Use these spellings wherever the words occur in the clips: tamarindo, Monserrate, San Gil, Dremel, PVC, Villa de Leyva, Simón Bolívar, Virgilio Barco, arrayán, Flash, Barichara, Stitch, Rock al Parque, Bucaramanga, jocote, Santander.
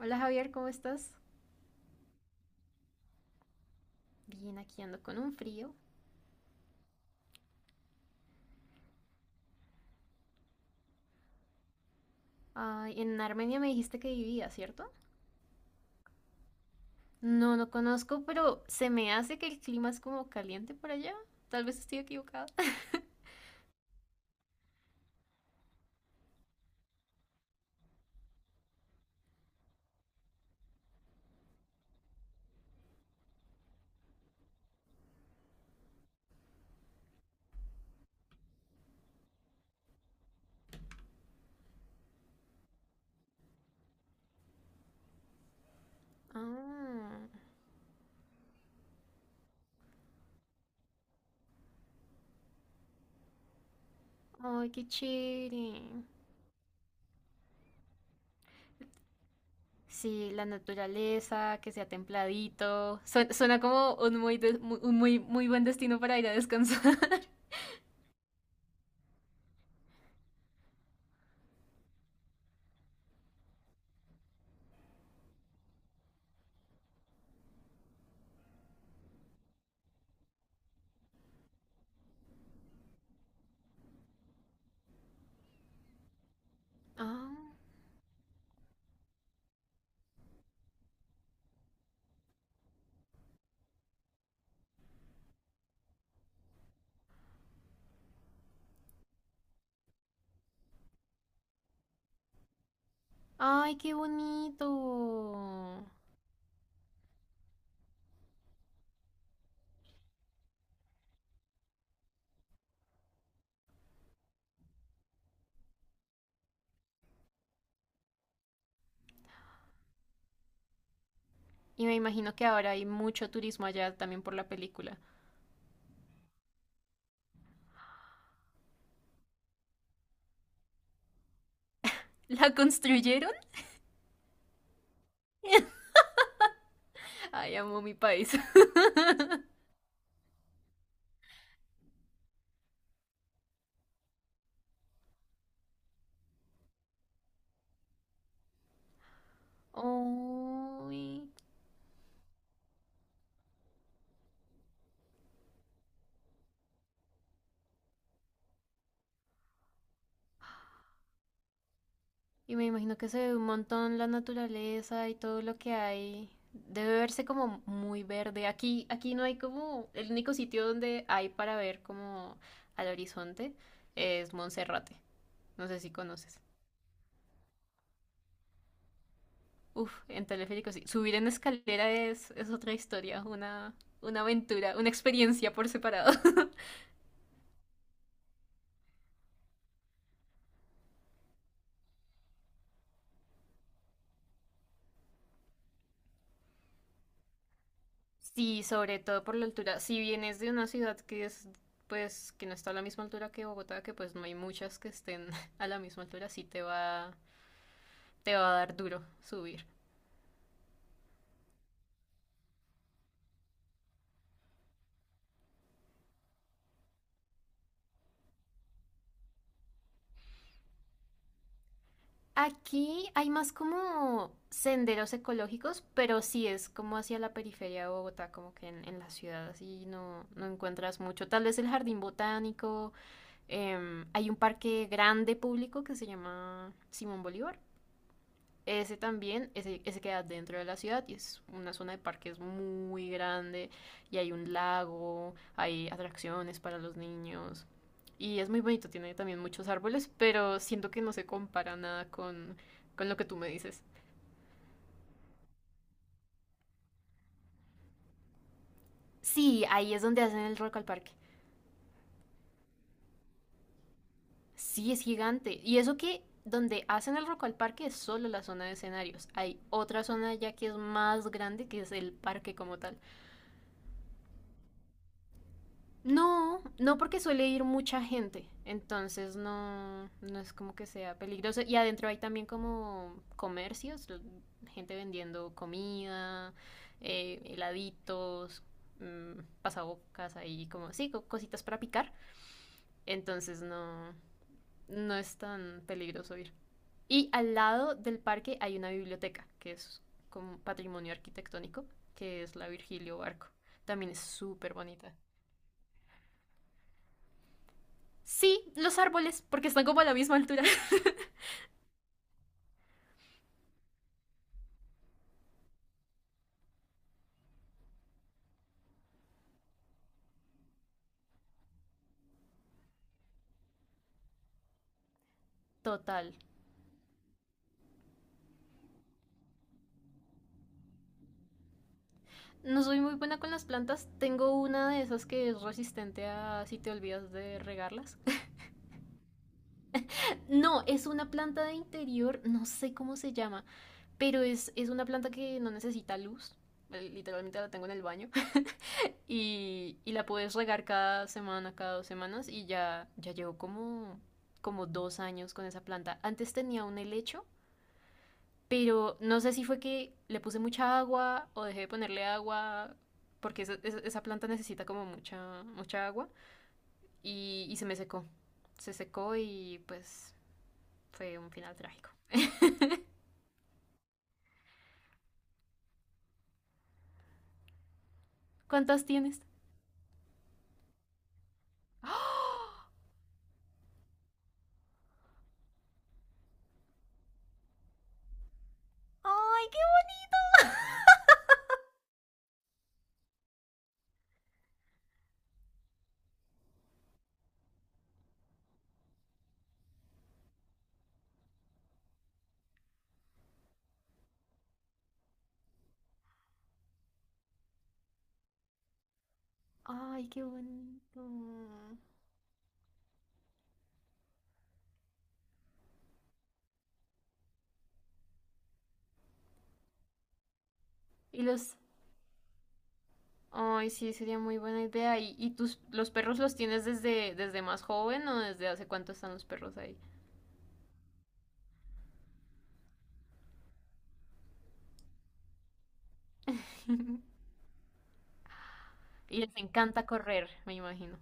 Hola Javier, ¿cómo estás? Bien, aquí ando con un frío. Ay, en Armenia me dijiste que vivía, ¿cierto? No, no conozco, pero se me hace que el clima es como caliente por allá. Tal vez estoy equivocada. Ah, ay, qué chévere. Sí, la naturaleza, que sea templadito. Suena, como un muy, muy buen destino para ir a descansar. Ah, ay, qué bonito. Y me imagino que ahora hay mucho turismo allá también por la película. ¿La construyeron? Ay, amo mi país. Uy, y me imagino que se ve un montón la naturaleza y todo lo que hay. Debe verse como muy verde. Aquí no hay como el único sitio donde hay para ver como al horizonte es Monserrate. No sé si conoces. Uf, en teleférico sí. Subir en escalera es otra historia, una aventura, una experiencia por separado. Sí, sobre todo por la altura. Si vienes de una ciudad que es, pues, que no está a la misma altura que Bogotá, que pues no hay muchas que estén a la misma altura, sí te va a dar duro subir. Aquí hay más como senderos ecológicos, pero sí es como hacia la periferia de Bogotá, como que en la ciudad así no, no encuentras mucho. Tal vez el jardín botánico, hay un parque grande público que se llama Simón Bolívar. Ese también, ese queda dentro de la ciudad y es una zona de parques muy grande, y hay un lago, hay atracciones para los niños, y es muy bonito, tiene también muchos árboles, pero siento que no se compara nada con, con lo que tú me dices. Sí, ahí es donde hacen el Rock al Parque. Sí, es gigante. Y eso que donde hacen el Rock al Parque es solo la zona de escenarios. Hay otra zona ya que es más grande, que es el parque como tal. No, no porque suele ir mucha gente, entonces no, no es como que sea peligroso. Y adentro hay también como comercios, gente vendiendo comida, heladitos, pasabocas ahí, como, sí, cositas para picar. Entonces no, no es tan peligroso ir. Y al lado del parque hay una biblioteca, que es como patrimonio arquitectónico, que es la Virgilio Barco. También es súper bonita. Sí, los árboles, porque están como a la misma altura. Total. No soy muy buena con las plantas. Tengo una de esas que es resistente a si te olvidas de regarlas. No, es una planta de interior, no sé cómo se llama, pero es una planta que no necesita luz. Literalmente la tengo en el baño. Y la puedes regar cada semana, cada 2 semanas. Y ya, ya llevo como 2 años con esa planta. Antes tenía un helecho. Pero no sé si fue que le puse mucha agua o dejé de ponerle agua, porque esa planta necesita como mucha, mucha agua, y se me secó. Se secó y pues fue un final trágico. ¿Cuántas tienes? Ay, qué Ay, qué bonito. Y los... Ay, sí, sería muy buena idea. ¿Y los perros los tienes desde, más joven o desde hace cuánto están los perros ahí? Y les encanta correr, me imagino.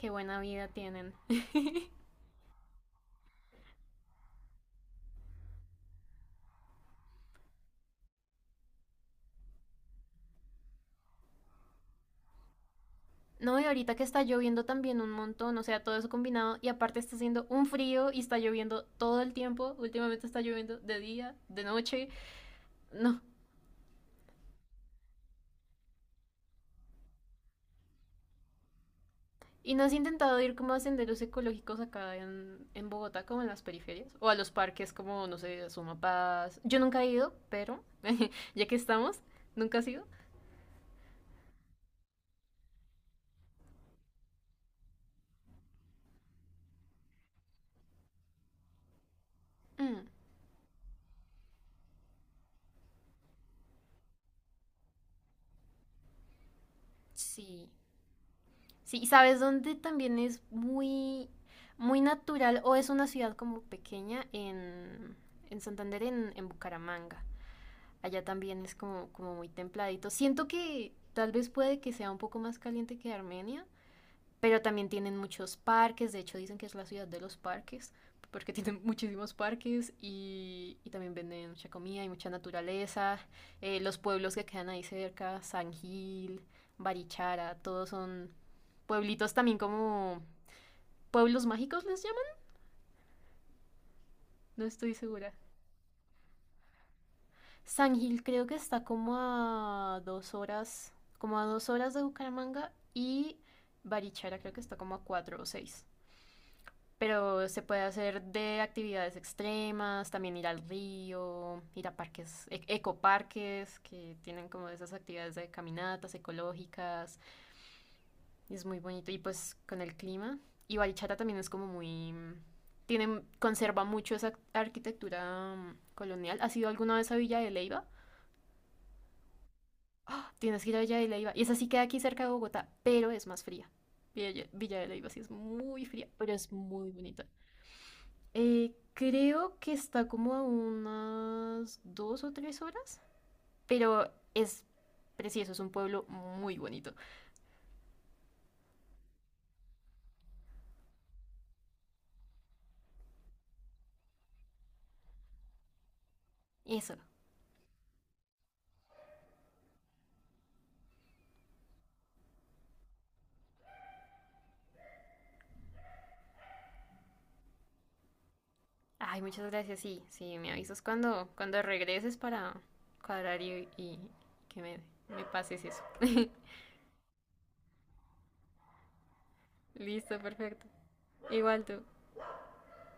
Qué buena vida tienen. No, y ahorita que está lloviendo también un montón, o sea, todo eso combinado, y aparte está haciendo un frío y está lloviendo todo el tiempo, últimamente está lloviendo de día, de noche, no. ¿Y no has intentado ir como a senderos ecológicos acá en Bogotá, como en las periferias? O a los parques como, no sé, a yo nunca he ido, pero ya que estamos, nunca has ido. Mm, sí. Sí, ¿sabes dónde también es muy, muy natural o es una ciudad como pequeña en Santander, en Bucaramanga? Allá también es como muy templadito. Siento que tal vez puede que sea un poco más caliente que Armenia, pero también tienen muchos parques, de hecho dicen que es la ciudad de los parques, porque tienen muchísimos parques y también venden mucha comida y mucha naturaleza. Los pueblos que quedan ahí cerca, San Gil, Barichara, todos son pueblitos también como pueblos mágicos les llaman, no estoy segura. San Gil creo que está como a 2 horas, como a 2 horas de Bucaramanga, y Barichara creo que está como a cuatro o seis. Pero se puede hacer de actividades extremas, también ir al río, ir a parques, ecoparques, que tienen como esas actividades de caminatas ecológicas. Y es muy bonito. Y pues con el clima. Y Barichara también es como muy. Tiene, conserva mucho esa arquitectura colonial. ¿Has ido alguna vez a Villa de Leyva? Tienes que ir a Villa de Leyva. Y esa sí queda aquí cerca de Bogotá, pero es más fría. Villa de Leyva sí es muy fría, pero es muy bonita. Creo que está como a unas 2 o 3 horas, pero es precioso, es un pueblo muy bonito. Eso. Ay, muchas gracias. Sí, sí, me avisas cuando regreses para cuadrar y que me pases eso. Listo, perfecto. Igual tú.